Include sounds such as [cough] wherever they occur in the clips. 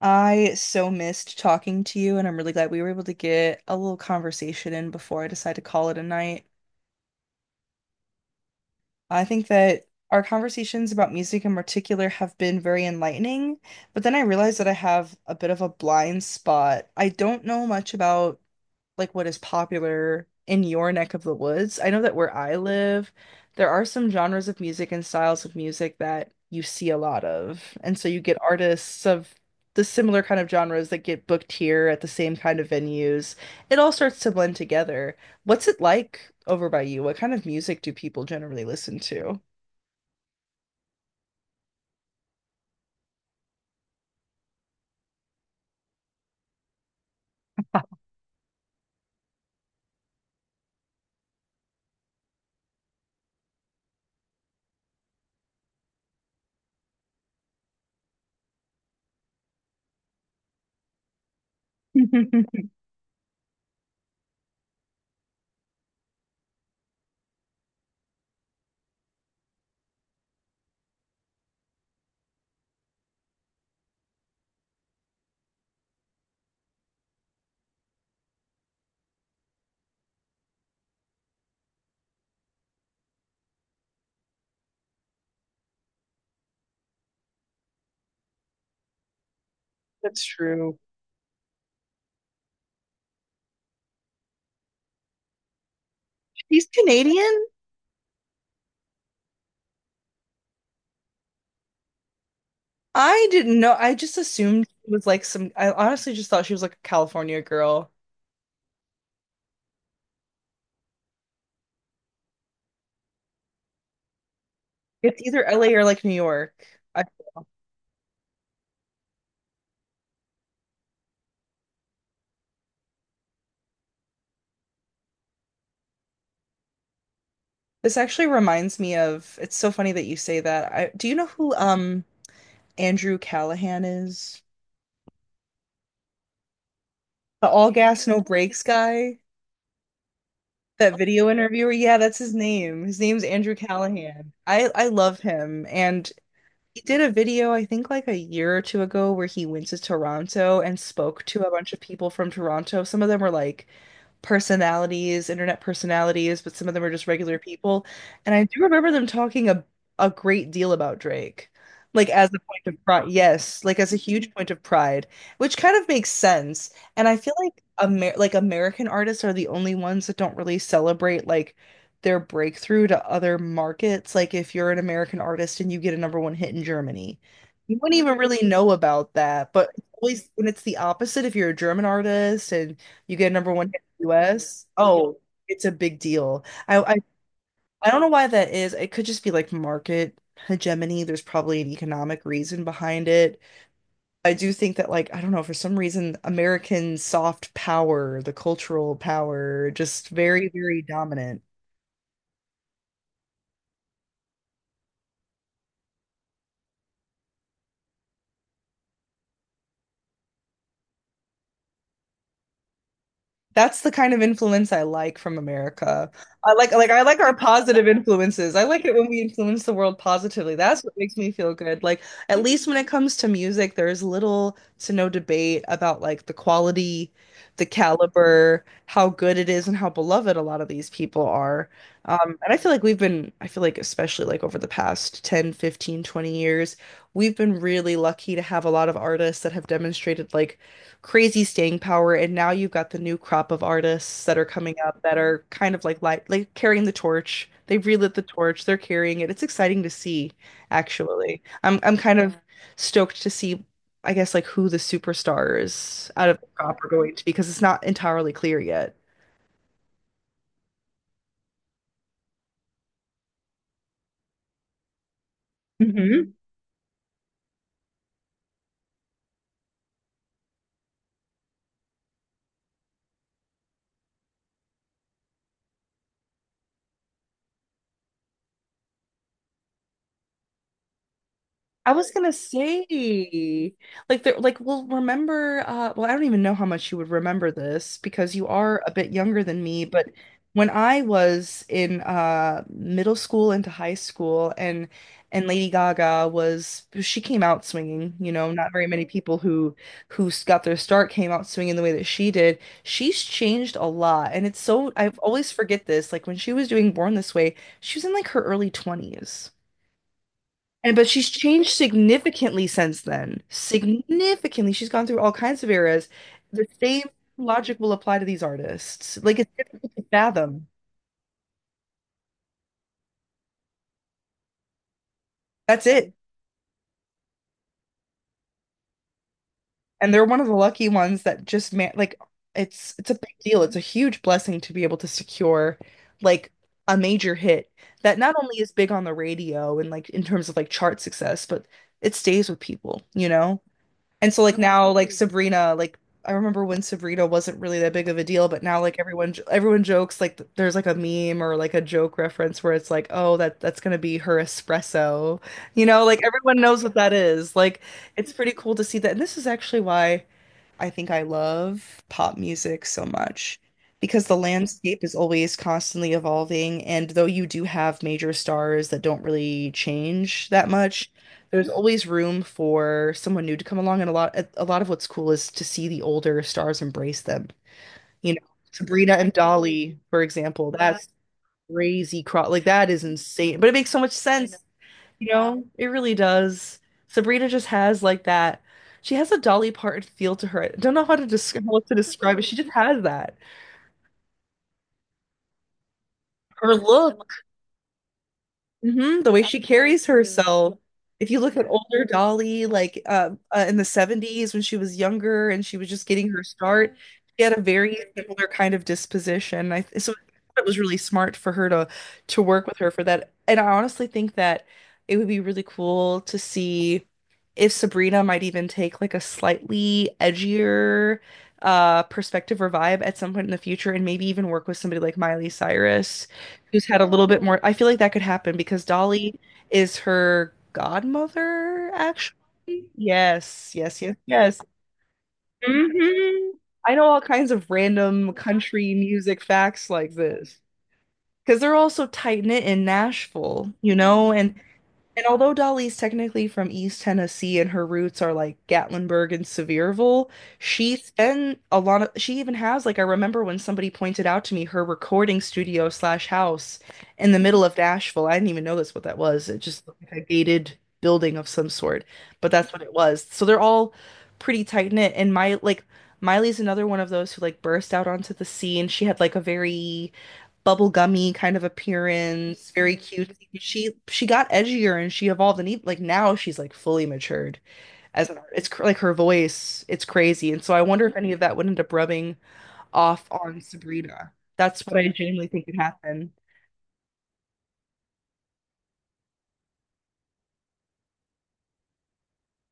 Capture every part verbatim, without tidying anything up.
I so missed talking to you, and I'm really glad we were able to get a little conversation in before I decide to call it a night. I think that our conversations about music in particular have been very enlightening, but then I realized that I have a bit of a blind spot. I don't know much about like what is popular in your neck of the woods. I know that where I live, there are some genres of music and styles of music that you see a lot of. And so you get artists of the similar kind of genres that get booked here at the same kind of venues. It all starts to blend together. What's it like over by you? What kind of music do people generally listen to? [laughs] That's true. She's Canadian? I didn't know. I just assumed it was like some, I honestly just thought she was like a California girl. It's either L A or like New York. I, this actually reminds me of, it's so funny that you say that. I, do you know who um Andrew Callahan is? The all gas, no brakes guy? That video interviewer? Yeah, that's his name. His name's Andrew Callahan. I I love him and he did a video, I think like a year or two ago, where he went to Toronto and spoke to a bunch of people from Toronto. Some of them were like personalities, internet personalities, but some of them were just regular people. And I do remember them talking a, a great deal about Drake, like as a point of pride. Yes, like as a huge point of pride, which kind of makes sense. And I feel like Amer like American artists are the only ones that don't really celebrate like their breakthrough to other markets. Like if you're an American artist and you get a number one hit in Germany, you wouldn't even really know about that. But it's always when it's the opposite, if you're a German artist and you get a number one hit in the U S, oh, it's a big deal. I, I I don't know why that is. It could just be like market hegemony. There's probably an economic reason behind it. I do think that like I don't know for some reason American soft power, the cultural power, just very very dominant. That's the kind of influence I like from America. I like like I like our positive influences. I like it when we influence the world positively. That's what makes me feel good. Like at least when it comes to music, there's little to no debate about like the quality, the caliber, how good it is, and how beloved a lot of these people are. Um, and I feel like we've been, I feel like especially like over the past ten, fifteen, twenty years, we've been really lucky to have a lot of artists that have demonstrated like crazy staying power. And now you've got the new crop of artists that are coming up that are kind of like light, like carrying the torch. They've relit the torch. They're carrying it. It's exciting to see, actually. I'm I'm kind of stoked to see, I guess, like who the superstars out of the crop are going to be because it's not entirely clear yet. I was gonna say, like, they're like, well, remember, uh, well, I don't even know how much you would remember this because you are a bit younger than me, but when I was in uh middle school into high school and and Lady Gaga was she came out swinging, you know, not very many people who who s- got their start came out swinging the way that she did. She's changed a lot, and it's so I always forget this. Like when she was doing Born This Way, she was in like her early twenties. And but she's changed significantly since then. Significantly. She's gone through all kinds of eras. The same logic will apply to these artists. Like it's difficult to fathom. That's it. And they're one of the lucky ones that just man like it's it's a big deal. It's a huge blessing to be able to secure like a major hit that not only is big on the radio and like in terms of like chart success, but it stays with people, you know? And so like now like Sabrina like I remember when Sabrina wasn't really that big of a deal, but now like everyone everyone jokes like th- there's like a meme or like a joke reference where it's like, "Oh, that that's going to be her espresso." You know, like everyone knows what that is. Like it's pretty cool to see that. And this is actually why I think I love pop music so much because the landscape is always constantly evolving. And though you do have major stars that don't really change that much, there's always room for someone new to come along. And a lot, a lot of what's cool is to see the older stars embrace them. You know, Sabrina and Dolly, for example, that's crazy. Cro Like that is insane, but it makes so much sense, you know, it really does. Sabrina just has like that. She has a Dolly Parton feel to her. I don't know how to describe what to describe it. She just has that. Her look, hmm the way she carries herself. If you look at older Dolly, like uh, uh, in the seventies when she was younger and she was just getting her start, she had a very similar kind of disposition. I th so It was really smart for her to to work with her for that. And I honestly think that it would be really cool to see if Sabrina might even take like a slightly edgier uh perspective or vibe at some point in the future and maybe even work with somebody like Miley Cyrus who's had a little bit more. I feel like that could happen because Dolly is her godmother, actually. Yes, yes, yes, yes. hmm I know all kinds of random country music facts like this because they're all so tight knit in Nashville, you know, and and although Dolly's technically from East Tennessee and her roots are like Gatlinburg and Sevierville, she's been a lot of, she even has, like, I remember when somebody pointed out to me her recording studio slash house in the middle of Nashville. I didn't even know that's what that was. It just looked like a gated building of some sort, but that's what it was. So they're all pretty tight knit. And my, like, Miley's another one of those who like burst out onto the scene. She had like a very bubblegummy kind of appearance, very cute. She she got edgier and she evolved and even, like now she's like fully matured as an artist. It's cr- like her voice, it's crazy. And so I wonder if any of that would end up rubbing off on Sabrina. That's what I genuinely think could happen.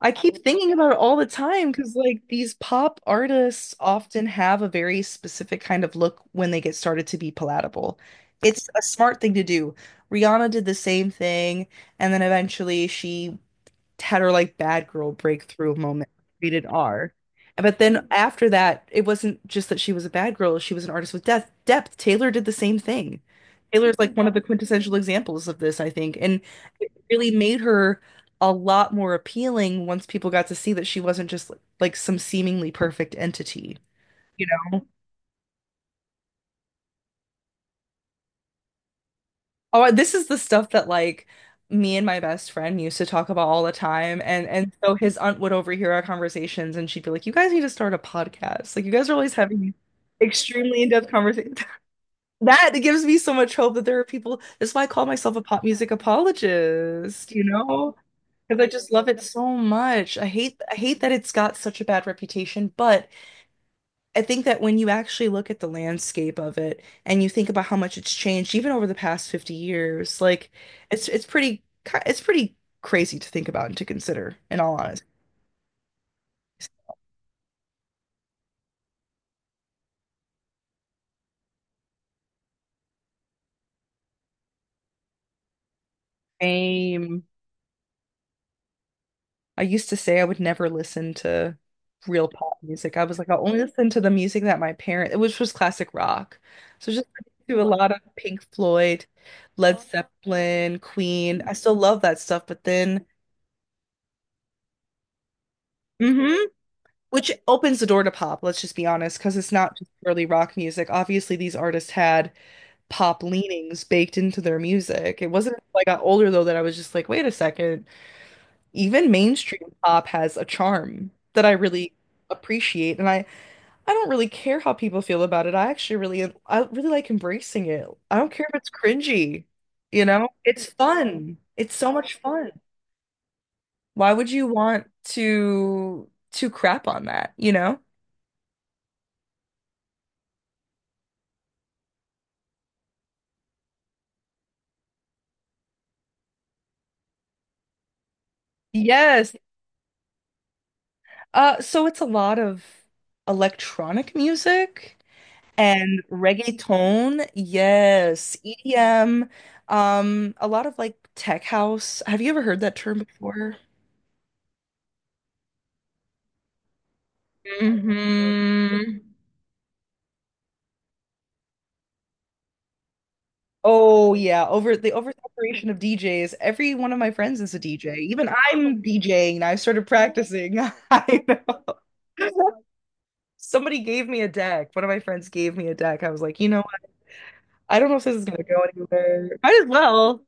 I keep thinking about it all the time because like these pop artists often have a very specific kind of look when they get started to be palatable. It's a smart thing to do. Rihanna did the same thing, and then eventually she had her like bad girl breakthrough moment, rated R. But then after that, it wasn't just that she was a bad girl, she was an artist with depth. depth. Taylor did the same thing. Taylor's like one of the quintessential examples of this, I think. And it really made her a lot more appealing once people got to see that she wasn't just like some seemingly perfect entity, you know? Oh, this is the stuff that like me and my best friend used to talk about all the time. And and so his aunt would overhear our conversations and she'd be like, you guys need to start a podcast. Like you guys are always having these extremely in-depth conversations. [laughs] That gives me so much hope that there are people. That's why I call myself a pop music apologist, you know? Because I just love it so much. I hate I hate that it's got such a bad reputation, but I think that when you actually look at the landscape of it and you think about how much it's changed even over the past fifty years, like it's it's pretty ki- it's pretty crazy to think about and to consider in all honesty. Same. I used to say I would never listen to real pop music. I was like, I'll only listen to the music that my parents, which was classic rock. So just to a lot of Pink Floyd, Led Zeppelin, Queen. I still love that stuff, but then hmm which opens the door to pop, let's just be honest, because it's not just purely rock music. Obviously, these artists had pop leanings baked into their music. It wasn't until I got older though that I was just like, wait a second, even mainstream pop has a charm that I really appreciate. And I I don't really care how people feel about it. I actually really, I really like embracing it. I don't care if it's cringy, you know? It's fun. It's so much fun. Why would you want to to crap on that, you know? Yes. Uh, so it's a lot of electronic music and reggaeton. Yes, E D M. Um, a lot of like tech house. Have you ever heard that term before? Hmm Oh yeah, over the oversaturation of D Js. Every one of my friends is a D J. Even I'm DJing. I started practicing. [laughs] I know. Somebody gave me a deck. One of my friends gave me a deck. I was like, you know what? I don't know if this is gonna go anywhere. Might as well.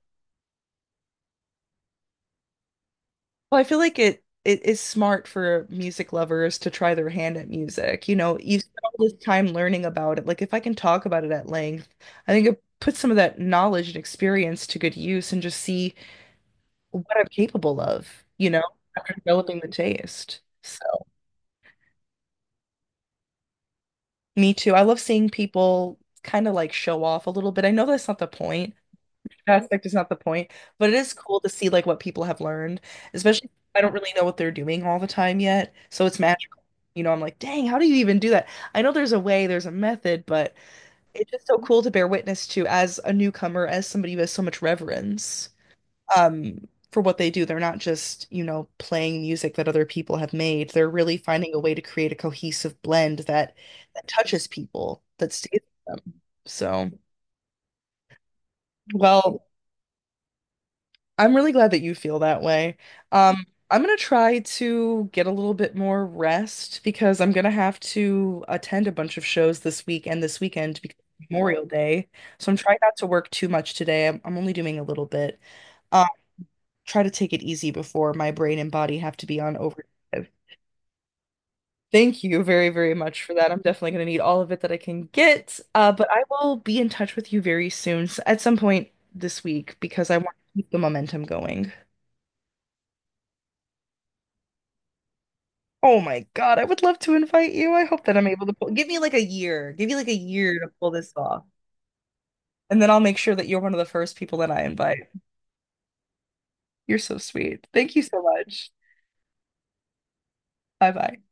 Well, I feel like it it is smart for music lovers to try their hand at music. You know, you spend all this time learning about it. Like if I can talk about it at length, I think it puts some of that knowledge and experience to good use and just see what I'm capable of, you know, after developing the taste. So, me too. I love seeing people kind of like show off a little bit. I know that's not the point. That aspect is not the point, but it is cool to see like what people have learned, especially if I don't really know what they're doing all the time yet. So it's magical. You know, I'm like, dang, how do you even do that? I know there's a way, there's a method, but it's just so cool to bear witness to as a newcomer, as somebody who has so much reverence, um, for what they do. They're not just, you know, playing music that other people have made. They're really finding a way to create a cohesive blend that that touches people, that stays with them. So, well, I'm really glad that you feel that way. Um, I'm gonna try to get a little bit more rest because I'm gonna have to attend a bunch of shows this week and this weekend because it's Memorial Day. So I'm trying not to work too much today. I'm, I'm only doing a little bit. Try to take it easy before my brain and body have to be on overdrive. Thank you very, very much for that. I'm definitely going to need all of it that I can get. Uh, but I will be in touch with you very soon, s- at some point this week, because I want to keep the momentum going. Oh my God, I would love to invite you. I hope that I'm able to pull. Give me like a year. Give me like a year to pull this off. And then I'll make sure that you're one of the first people that I invite. You're so sweet. Thank you so much. Bye bye.